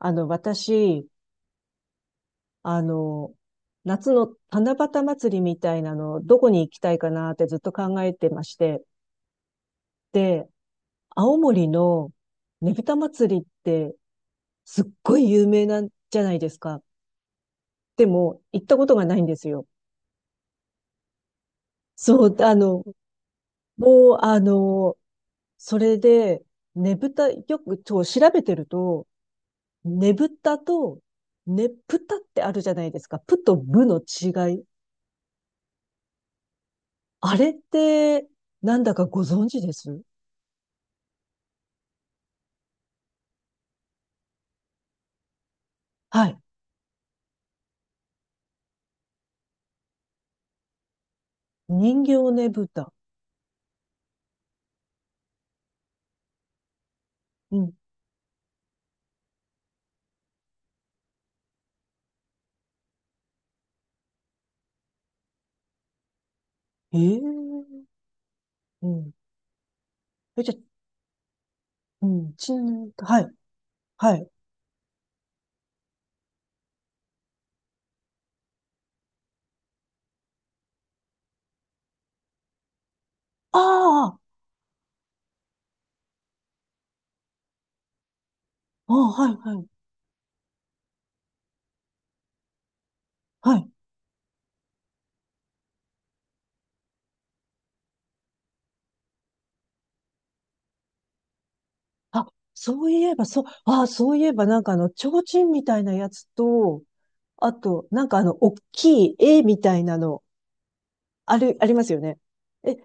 私、あの、夏の七夕祭りみたいなの、どこに行きたいかなってずっと考えてまして。で、青森のねぶた祭りってすっごい有名なんじゃないですか。でも、行ったことがないんですよ。そう、もう、あの、それで、ねぶた、よく調べてると、ねぶたと、ねぷたってあるじゃないですか。ぷとぶの違い。あれって、なんだかご存知です？はい。人形ねぶた。うん。ええ、うん。え、じゃ、うん、はい、はい。ああ、あ、はい、はい、はい。あ、そういえば、そう、ああ、そういえば、なんか提灯みたいなやつと、あと、なんか大きい絵みたいなの、あれ、ありますよね。え、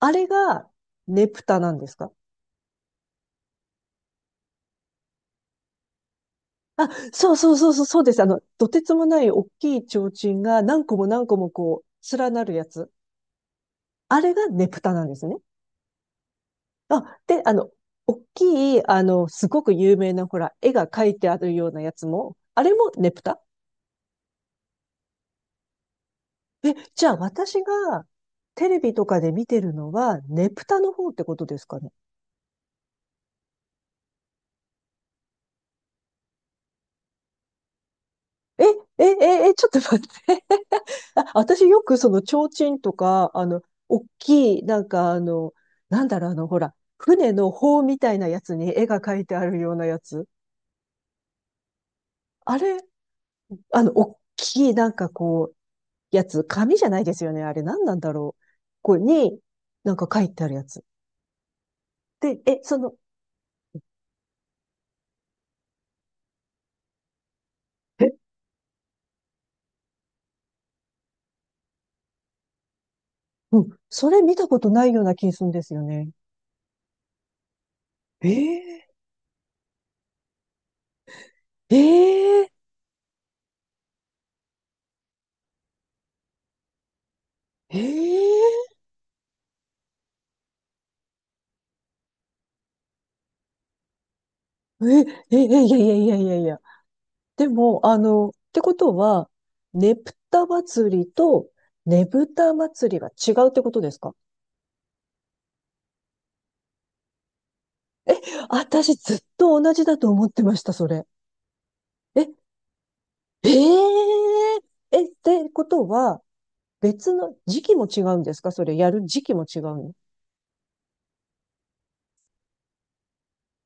あれが、ねぷたなんですか？あ、そうそうそうそう、そうです。とてつもない大きい提灯が何個も何個もこう、連なるやつ。あれがねぷたなんですね。あ、で、大きい、すごく有名な、ほら、絵が描いてあるようなやつも、あれもねぷた？え、じゃあ私がテレビとかで見てるのは、ねぷたの方ってことですかね。え、え、え、え、ちょっと待って。あ、私よくその提灯とか、大きい、なんかなんだろう、ほら、船の帆みたいなやつに絵が描いてあるようなやつ。あれ、大きい、なんかこう、やつ、紙じゃないですよね。あれ、なんなんだろう。ここに、なんか書いてあるやつ。で、え、その、え、うん、それ見たことないような気するんですよね。えええー、えー、えー、え、え、いやいやいやいやいや。でも、ってことは、ねぷた祭りとねぶた祭りが違うってことですか？私ずっと同じだと思ってました、それ。え、えー、え、ってことは、別の時期も違うんですか？それ、やる時期も違うの？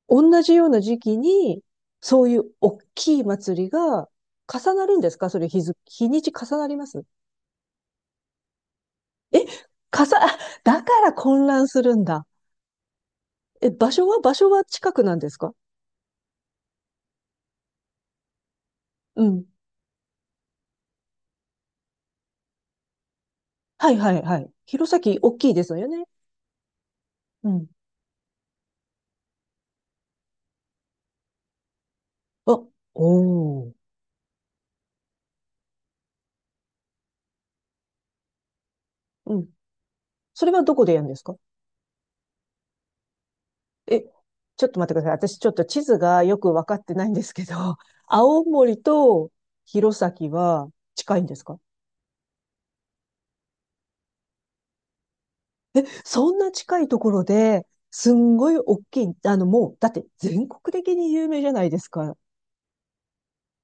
同じような時期に、そういう大きい祭りが重なるんですか？それ、日付、日にち重なります？え、重、あ、だから混乱するんだ。え、場所は近くなんですか？うん。はいはいはい。弘前、大きいですよね。うん。あ、おお。うん。それはどこでやるんですか？え、ちょっと待ってください。私ちょっと地図がよくわかってないんですけど、青森と弘前は近いんですか？そんな近いところで、すんごい大きい、もう、だって全国的に有名じゃないですか。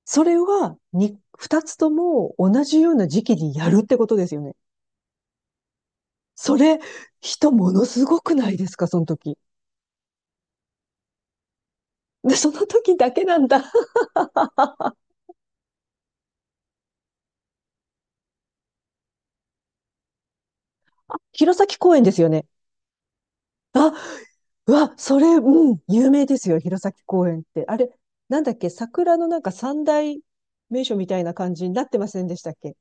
それは、二つとも同じような時期にやるってことですよね。それ、人ものすごくないですか、その時。で、その時だけなんだ。弘前公園ですよね。あ、うわ、それ、うん、有名ですよ、弘前公園って。あれ、なんだっけ、桜のなんか三大名所みたいな感じになってませんでしたっけ？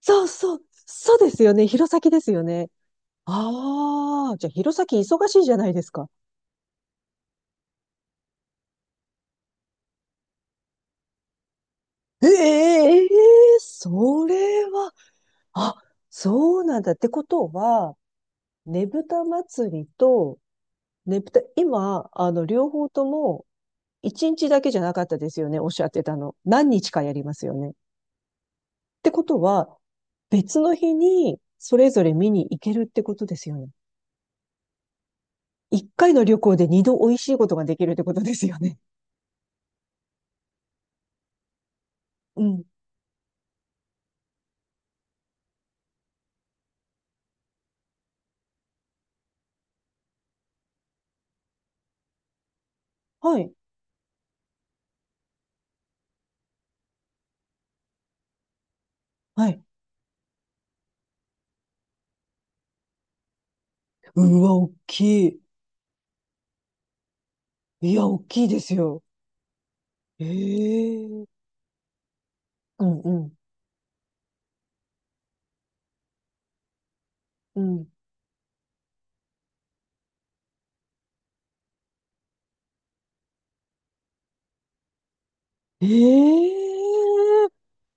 そうそう、そうですよね、弘前ですよね。ああ、じゃあ弘前忙しいじゃないですか。ええええ、それは、あ、そうなんだ。ってことは、ねぶた祭りと、ねぶた、今、両方とも、一日だけじゃなかったですよね、おっしゃってたの。何日かやりますよね。ってことは、別の日にそれぞれ見に行けるってことですよね。一回の旅行で二度美味しいことができるってことですよね。うん。はい。はい。うわ、大きい。いや、大きいですよ。ええ、うんうん。うん。ええ、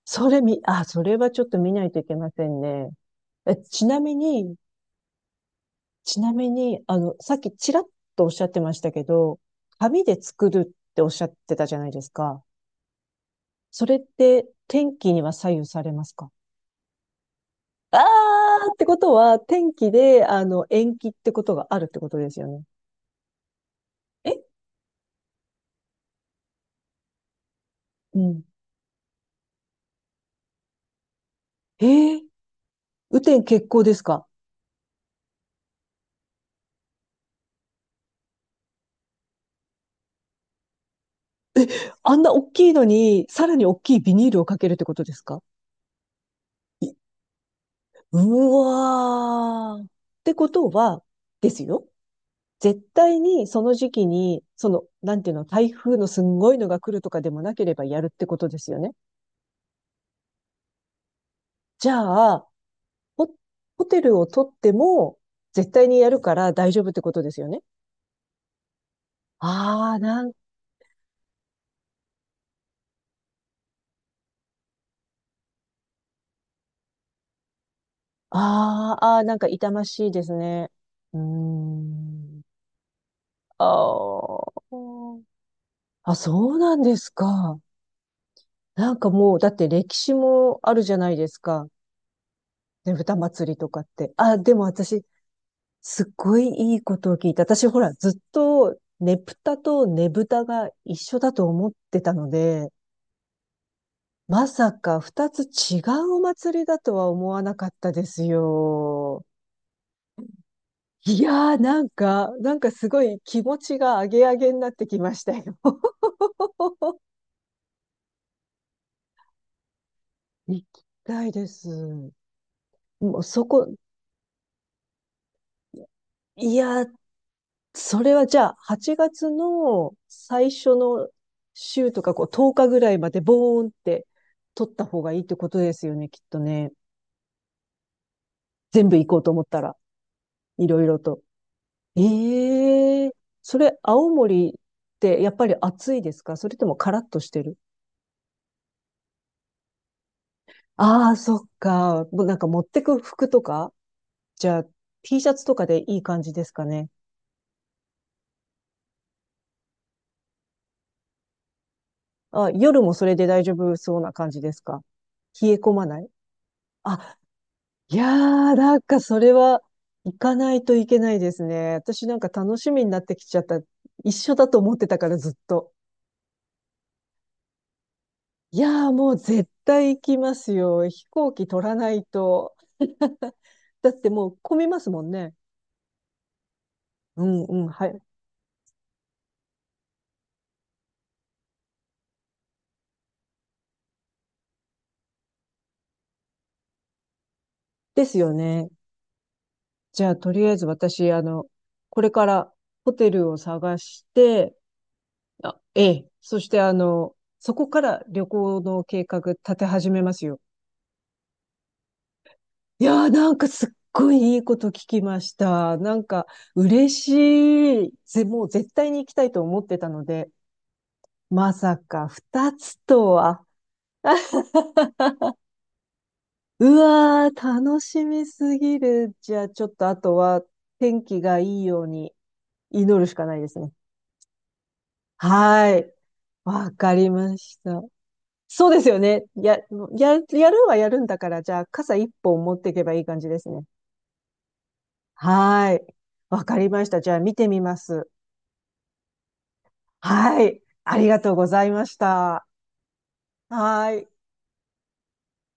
それみ、あ、それはちょっと見ないといけませんね。え、ちなみに、さっきちらっとおっしゃってましたけど、紙で作るっておっしゃってたじゃないですか。それって天気には左右されますか？あーってことは、天気で、延期ってことがあるってことですよね。え、うん。えー、雨天決行ですか？あんな大きいのに、さらに大きいビニールをかけるってことですか？いうわー。ってことは、ですよ。絶対にその時期に、その、なんていうの、台風のすんごいのが来るとかでもなければやるってことですよね。じゃあ、ホ、ホテルを取っても、絶対にやるから大丈夫ってことですよね。ああ、あーあー、なんか痛ましいですね。うーん。あー、あ、そうなんですか。なんかもう、だって歴史もあるじゃないですか。ねぶた祭りとかって。あ、でも私、すっごいいいことを聞いた。私、ほら、ずっと、ねぷたとねぶたが一緒だと思ってたので、まさか二つ違うお祭りだとは思わなかったですよ。いやー、なんかすごい気持ちがアゲアゲになってきましたよ。行きたいです。もうそこ、いやー、それはじゃあ、8月の最初の週とか、こう、10日ぐらいまでボーンって取った方がいいってことですよね、きっとね。全部行こうと思ったら、いろいろと。ええー、それ、青森ってやっぱり暑いですか？それともカラッとしてる？ああー、そっか。もうなんか持ってく服とかじゃあ、T シャツとかでいい感じですかね。あ、夜もそれで大丈夫そうな感じですか？冷え込まない？あ、いやー、なんかそれは行かないといけないですね。私なんか楽しみになってきちゃった。一緒だと思ってたからずっと。いやーもう絶対行きますよ。飛行機取らないと。だってもう混みますもんね。うんうん、はい。ですよね。じゃあ、とりあえず私、これからホテルを探して、あ、ええ、そしてそこから旅行の計画立て始めますよ。いやーなんかすっごいいいこと聞きました。なんか嬉しい。もう絶対に行きたいと思ってたので、まさか二つとは。うわー、楽しみすぎる。じゃあ、ちょっとあとは天気がいいように祈るしかないですね。はーい。わかりました。そうですよね。やるはやるんだから、じゃあ傘一本持っていけばいい感じですね。はーい。わかりました。じゃあ見てみます。はい。ありがとうございました。はーい。